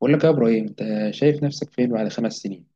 بقول لك يا ابراهيم، انت شايف نفسك فين بعد 5 سنين؟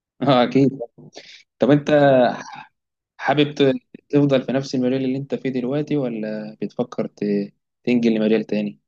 اه، اكيد. طب انت حابب تفضل في نفس المجال اللي انت فيه دلوقتي ولا بتفكر تنجل لمجال تاني؟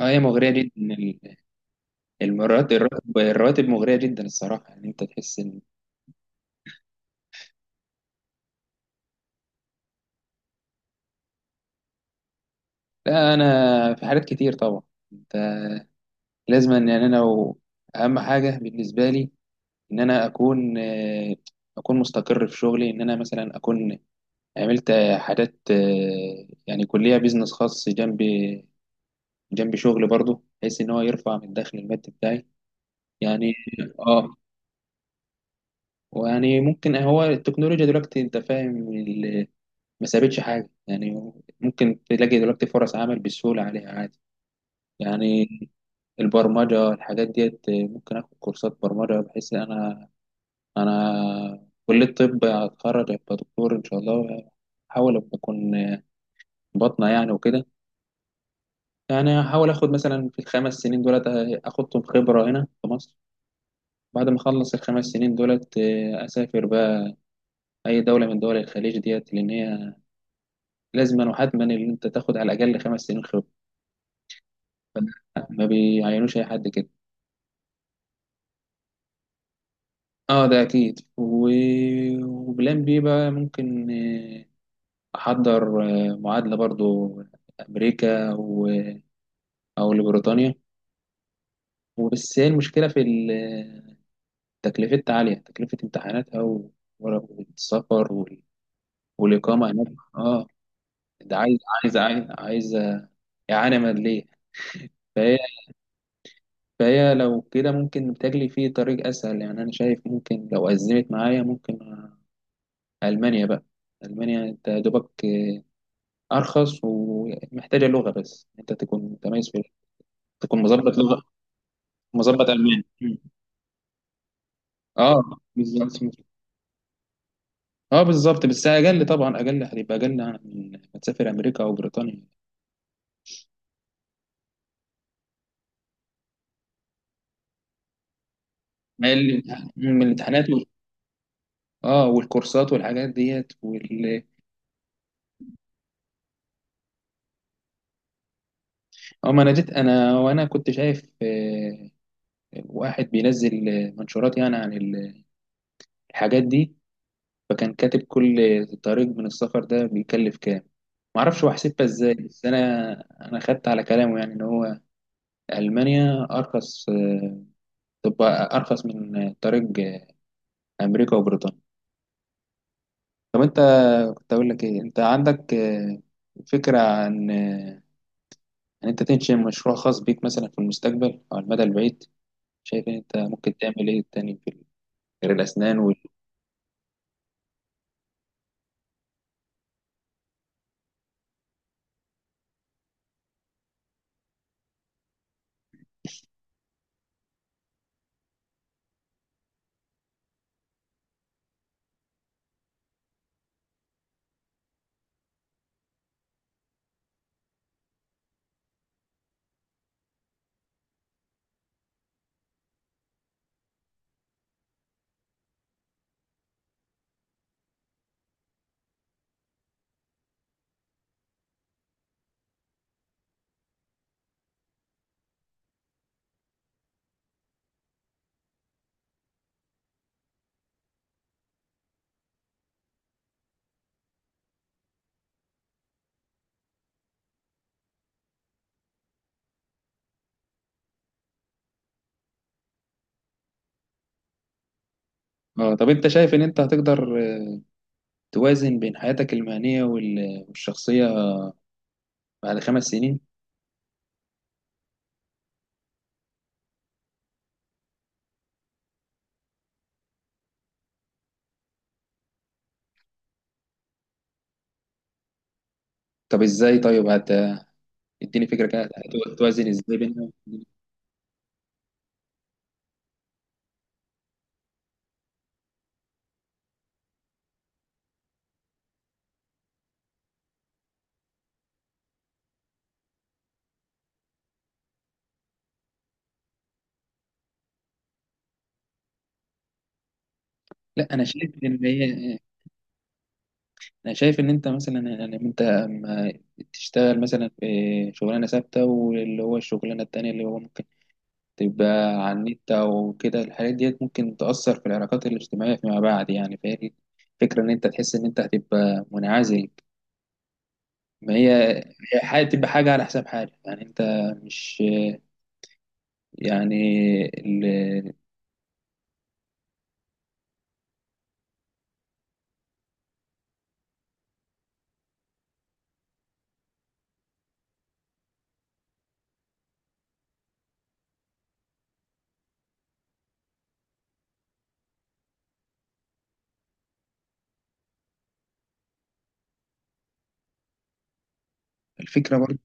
اه، هي مغرية جدا. المرات الراتب، الرواتب مغرية جدا الصراحة. يعني انت تحس ان لا، انا في حاجات كتير طبعا. انت لازم ان، يعني اهم حاجة بالنسبة لي ان انا اكون، اكون مستقر في شغلي. ان انا مثلا اكون عملت حاجات، يعني كلية بيزنس خاص جنبي، جنب شغل برضه، بحيث ان هو يرفع من الدخل المادي بتاعي يعني. اه. ويعني ممكن هو التكنولوجيا دلوقتي، انت فاهم، ما سابتش حاجه يعني. ممكن تلاقي دلوقتي فرص عمل بسهوله عليها عادي يعني. البرمجه، الحاجات ديت، ممكن اخد كورسات برمجه، بحيث ان انا كليه الطب هتخرج، ابقى دكتور ان شاء الله. احاول ابقى اكون بطنه يعني وكده. يعني هحاول اخد مثلا في ال5 سنين دولت، اخدهم خبره هنا في مصر. بعد ما اخلص ال5 سنين دولت، اسافر بقى اي دوله من دول الخليج ديت، لان هي لازما وحتما ان انت تاخد على الاقل 5 سنين خبره. فلا، ما بيعينوش اي حد كده. اه، ده اكيد. وبلان بي بقى ممكن، احضر معادله برضو، امريكا و... او لبريطانيا. وبس هي المشكله في تكلفتها عاليه، تكلفه والسفر والاقامه هناك. اه. ده عايز، عايز إعانة مادية. فهي، فهي لو كده ممكن بتجلي فيه طريق أسهل يعني. أنا شايف ممكن، لو أزمت معايا، ممكن ألمانيا بقى. ألمانيا أنت يا دوبك أرخص، ومحتاجة لغة بس. أنت تكون متميز في، تكون مظبط لغة، مظبط ألماني. أه، بالظبط. أه بالظبط، بس أقل طبعا، أقل هتبقى أقل من ما تسافر أمريكا أو بريطانيا. ما ال- من اه، والكورسات والحاجات ديت. اه، ما انا جيت انا، وانا كنت شايف واحد بينزل منشورات يعني عن الحاجات دي. فكان كاتب كل طريق من السفر ده بيكلف كام. معرفش هو حسبها ازاي، بس انا خدت على كلامه. يعني ان هو المانيا ارخص، تبقى ارخص من طريق امريكا وبريطانيا. طب انت، كنت اقول لك ايه، انت عندك، فكرة عن، ان انت تنشئ مشروع خاص بيك مثلا في المستقبل او على المدى البعيد؟ شايف ان انت ممكن تعمل ايه تاني في غير الاسنان؟ اه. طب انت شايف ان انت هتقدر توازن بين حياتك المهنية والشخصية بعد 5 سنين؟ طب ازاي طيب، اديني فكرة كده. توازن ازاي بينهم؟ لا، انا شايف ان هي، انا شايف ان انت مثلا، ان انت اما تشتغل مثلا في شغلانة ثابتة، واللي هو الشغلانة التانية اللي هو ممكن تبقى على النت او كده، الحاجات ديت ممكن تأثر في العلاقات الاجتماعية فيما بعد يعني. فهي فكرة ان انت تحس ان انت هتبقى منعزل. ما هي تبقى حاجة على حساب حاجة يعني. انت مش، يعني، ال- الفكرة برضه.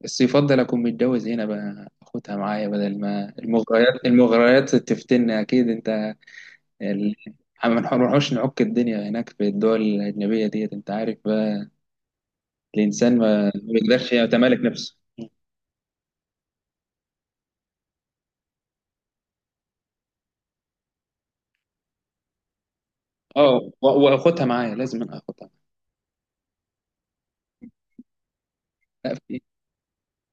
بس يفضل أكون متجوز هنا بقى، أخدها معايا، بدل ما المغريات تفتنا. أكيد أنت، ال- ما نروحوش نعك الدنيا هناك في الدول الأجنبية ديت. أنت عارف بقى، الإنسان ما بيقدرش يعني يتمالك نفسه. اه، وأخدها معايا، لازم أنا أخدها معايا. لا، في،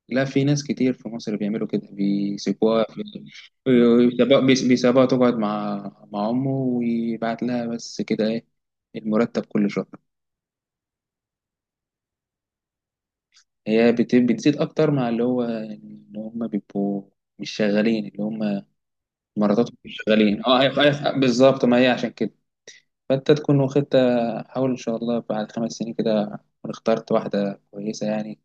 ناس كتير في مصر بيعملوا كده، بيسيبوها في، بيسيبوها تقعد مع مع أمه، ويبعت لها بس كده إيه، المرتب كل شهر. هي بتزيد اكتر مع اللي هو، يعني اللي هم بيبقوا مش شغالين، اللي هم مراتاتهم مش شغالين. اه، أيوة، أيوة، بالظبط. ما هي عشان كده. فانت تكون واخدت، حاول ان شاء الله بعد 5 سنين كده تكون اخترت واحده كويسه يعني.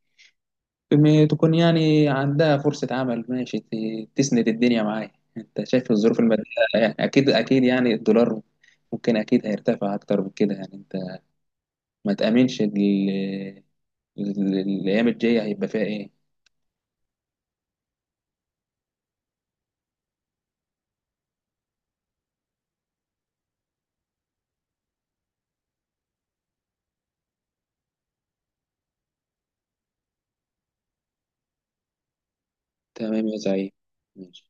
تكون يعني عندها فرصه عمل ماشي، تسند الدنيا معايا. انت شايف الظروف الماديه يعني. اكيد يعني، الدولار ممكن اكيد هيرتفع اكتر من كده يعني. انت ما تامنش الايام الجايه هيبقى فيها ايه. تمام يا زعيم. ماشي.